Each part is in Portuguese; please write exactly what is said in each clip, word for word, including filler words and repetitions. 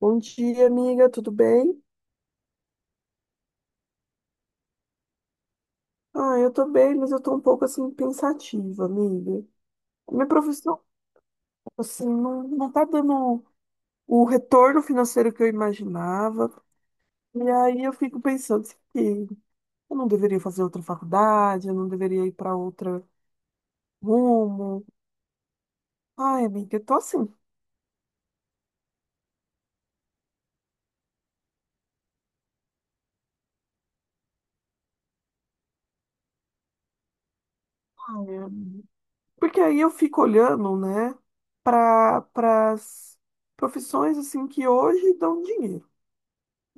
Bom dia, amiga, tudo bem? Ah, eu tô bem, mas eu tô um pouco assim pensativa, amiga. Minha profissão, assim, não, não tá dando o retorno financeiro que eu imaginava. E aí eu fico pensando assim, que eu não deveria fazer outra faculdade, eu não deveria ir para outra rumo. Ai, amiga, eu tô assim. ai, Porque aí eu fico olhando, né, para as profissões assim que hoje dão dinheiro,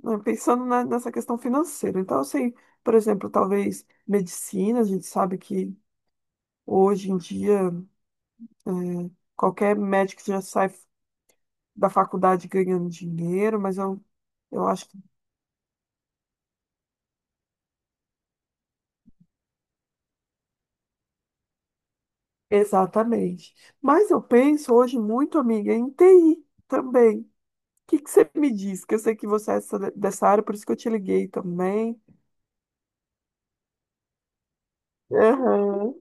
né. Pensando na- nessa questão financeira. Então, assim, por exemplo, talvez medicina, a gente sabe que hoje em dia é, qualquer médico já sai da faculdade ganhando dinheiro, mas eu, eu acho que. Exatamente. Mas eu penso hoje muito, amiga, em T I também. O que que você me diz? Que eu sei que você é essa- dessa área, por isso que eu te liguei também. Aham.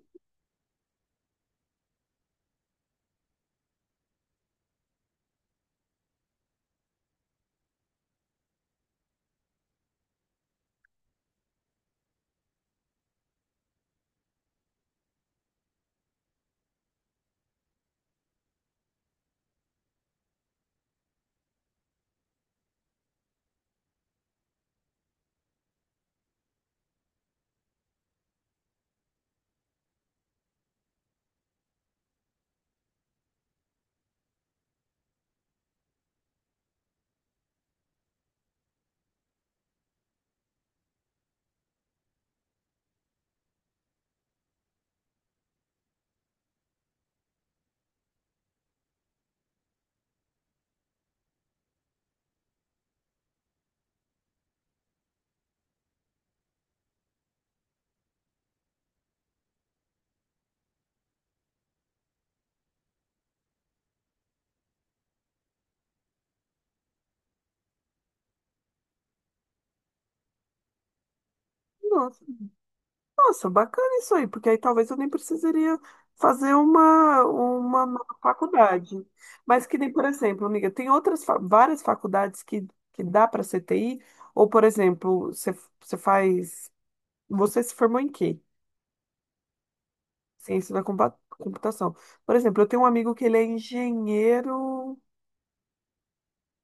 Nossa, bacana isso aí, porque aí talvez eu nem precisaria fazer uma, uma nova faculdade. Mas que nem, por exemplo, amiga, tem outras fa- várias faculdades que, que dá para ser T I, ou, por exemplo, você você faz. Você se formou em quê? Ciência da compa- computação. Por exemplo, eu tenho um amigo que ele é engenheiro.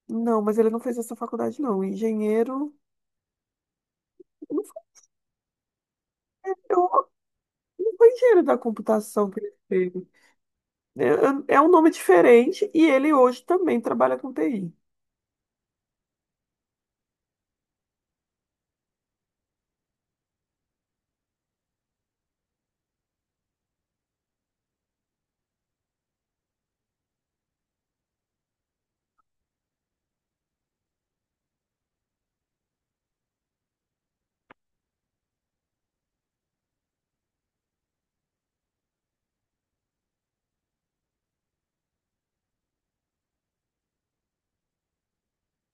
Não, mas ele não fez essa faculdade, não. Engenheiro. Não foi, eu, não foi engenheiro da computação que ele fez. É, é um nome diferente e ele hoje também trabalha com T I.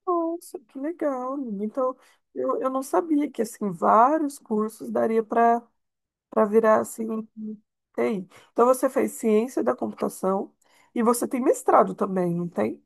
Nossa, que legal, amiga. Então, eu, eu não sabia que assim vários cursos daria para para virar assim T I. Então você fez ciência da computação e você tem mestrado também, não tem?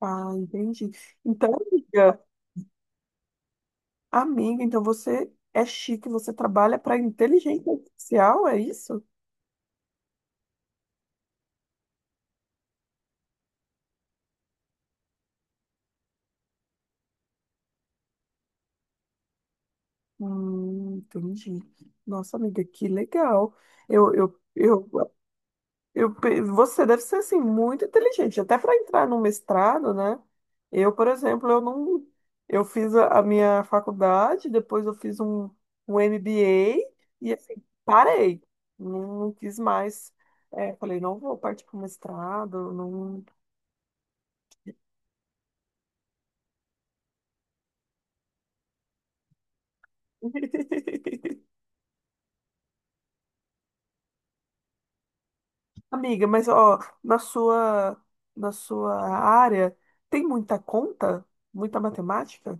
Ah, entendi. Então, amiga, amiga, então você é chique, você trabalha para inteligência artificial, é isso? Hum, entendi. Nossa, amiga, que legal. Eu, eu, eu Eu, pe- você deve ser assim muito inteligente, até para entrar no mestrado, né? Eu, por exemplo, eu não, eu fiz a, a minha faculdade, depois eu fiz um, um M B A e assim parei, não, não quis mais. É, falei, não vou partir para o mestrado, não. Amiga, mas ó, na sua, na sua área tem muita conta, muita matemática?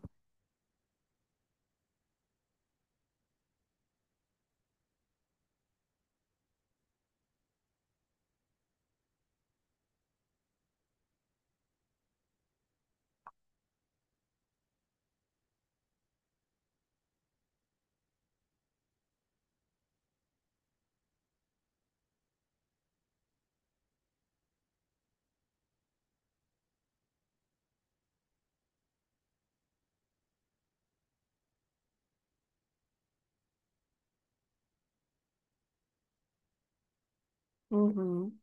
Uhum,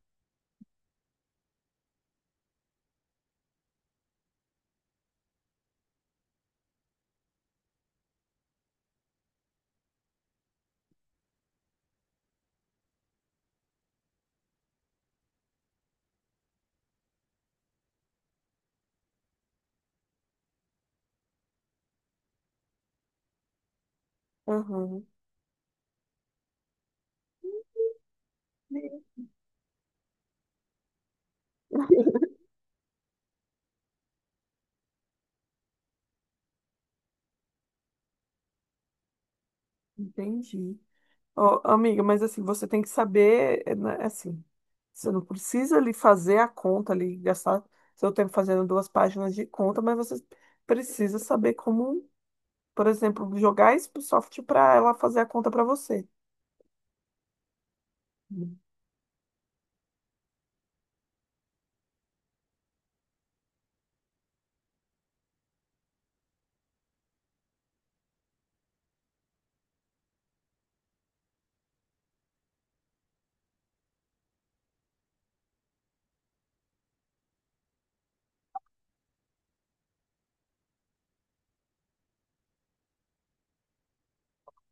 uhum. Entendi. Ó, amiga, mas assim, você tem que saber, é, né, assim, você não precisa ali fazer a conta ali, gastar seu tempo fazendo duas páginas de conta, mas você precisa saber como, por exemplo, jogar isso pro software para ela fazer a conta para você.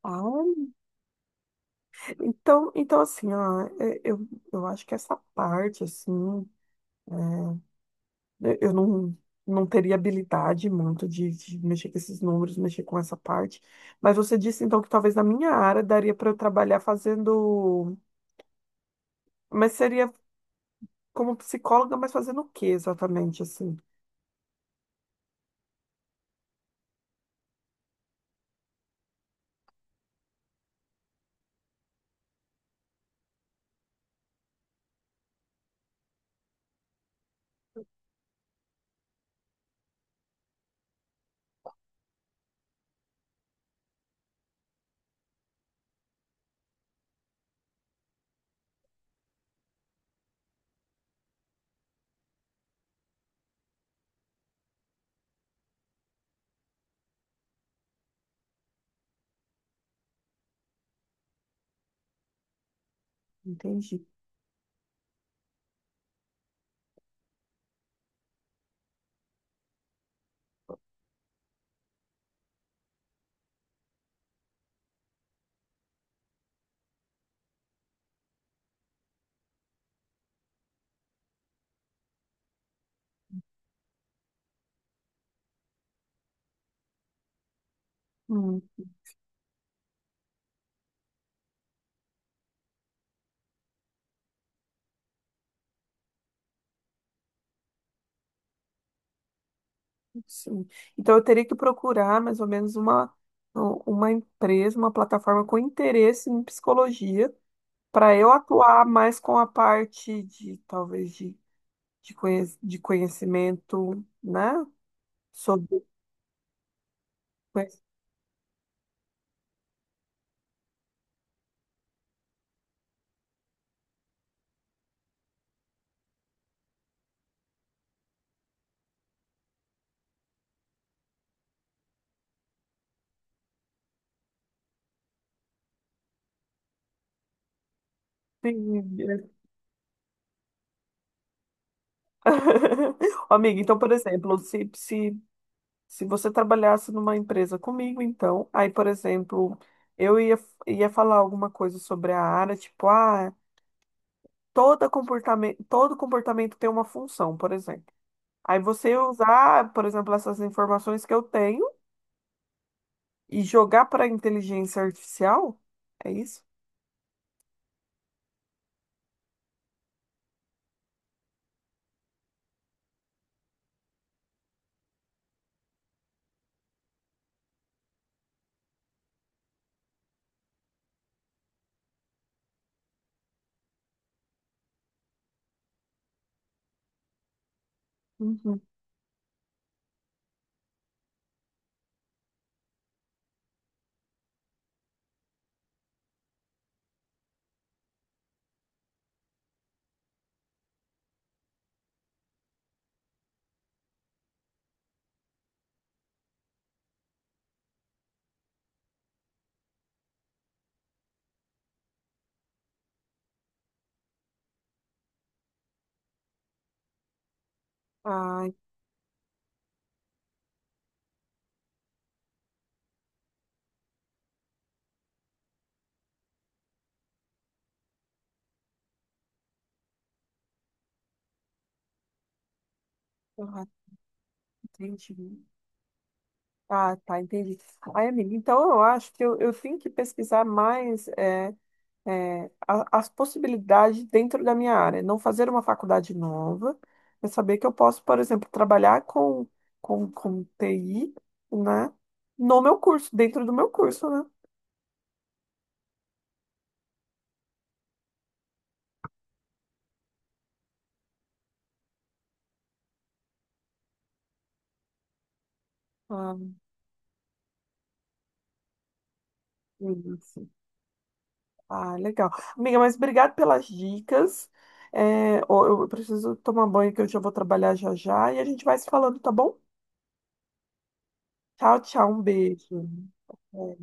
Ah, Então, então assim, ó, é, eu, eu acho que essa parte, assim, eu eu não, não teria habilidade muito de, de mexer com esses números, mexer com essa parte. Mas você disse, então, que talvez na minha área daria para eu trabalhar fazendo. Mas seria como psicóloga, mas fazendo o que exatamente, assim? Entendi. Hum, sim. Então eu teria que procurar mais ou menos uma, uma empresa, uma plataforma com interesse em psicologia, para eu atuar mais com a parte de, talvez, de, de, conhec- de conhecimento, né? Sobre conhecimento. Amiga, então, por exemplo, se, se Se você trabalhasse numa empresa comigo, então, aí, por exemplo, eu ia, ia falar alguma coisa sobre a área, tipo, ah, toda comportamento, todo comportamento tem uma função, por exemplo. Aí você ia usar, por exemplo, essas informações que eu tenho e jogar para a inteligência artificial? É isso? Uhum. Ah, tá, entendi. Ah, tá, entendi. Ai, amiga, então eu acho que eu, eu tenho que pesquisar mais. é, é, a- as possibilidades dentro da minha área. Não fazer uma faculdade nova, mas saber que eu posso, por exemplo, trabalhar com, com, com T I, né? No meu curso, dentro do meu curso, né? Ah, isso. Ah, legal. Amiga, mas obrigado pelas dicas. É, ó, eu preciso tomar banho que eu já vou trabalhar já já e a gente vai se falando, tá bom? Tchau, tchau, um beijo. É.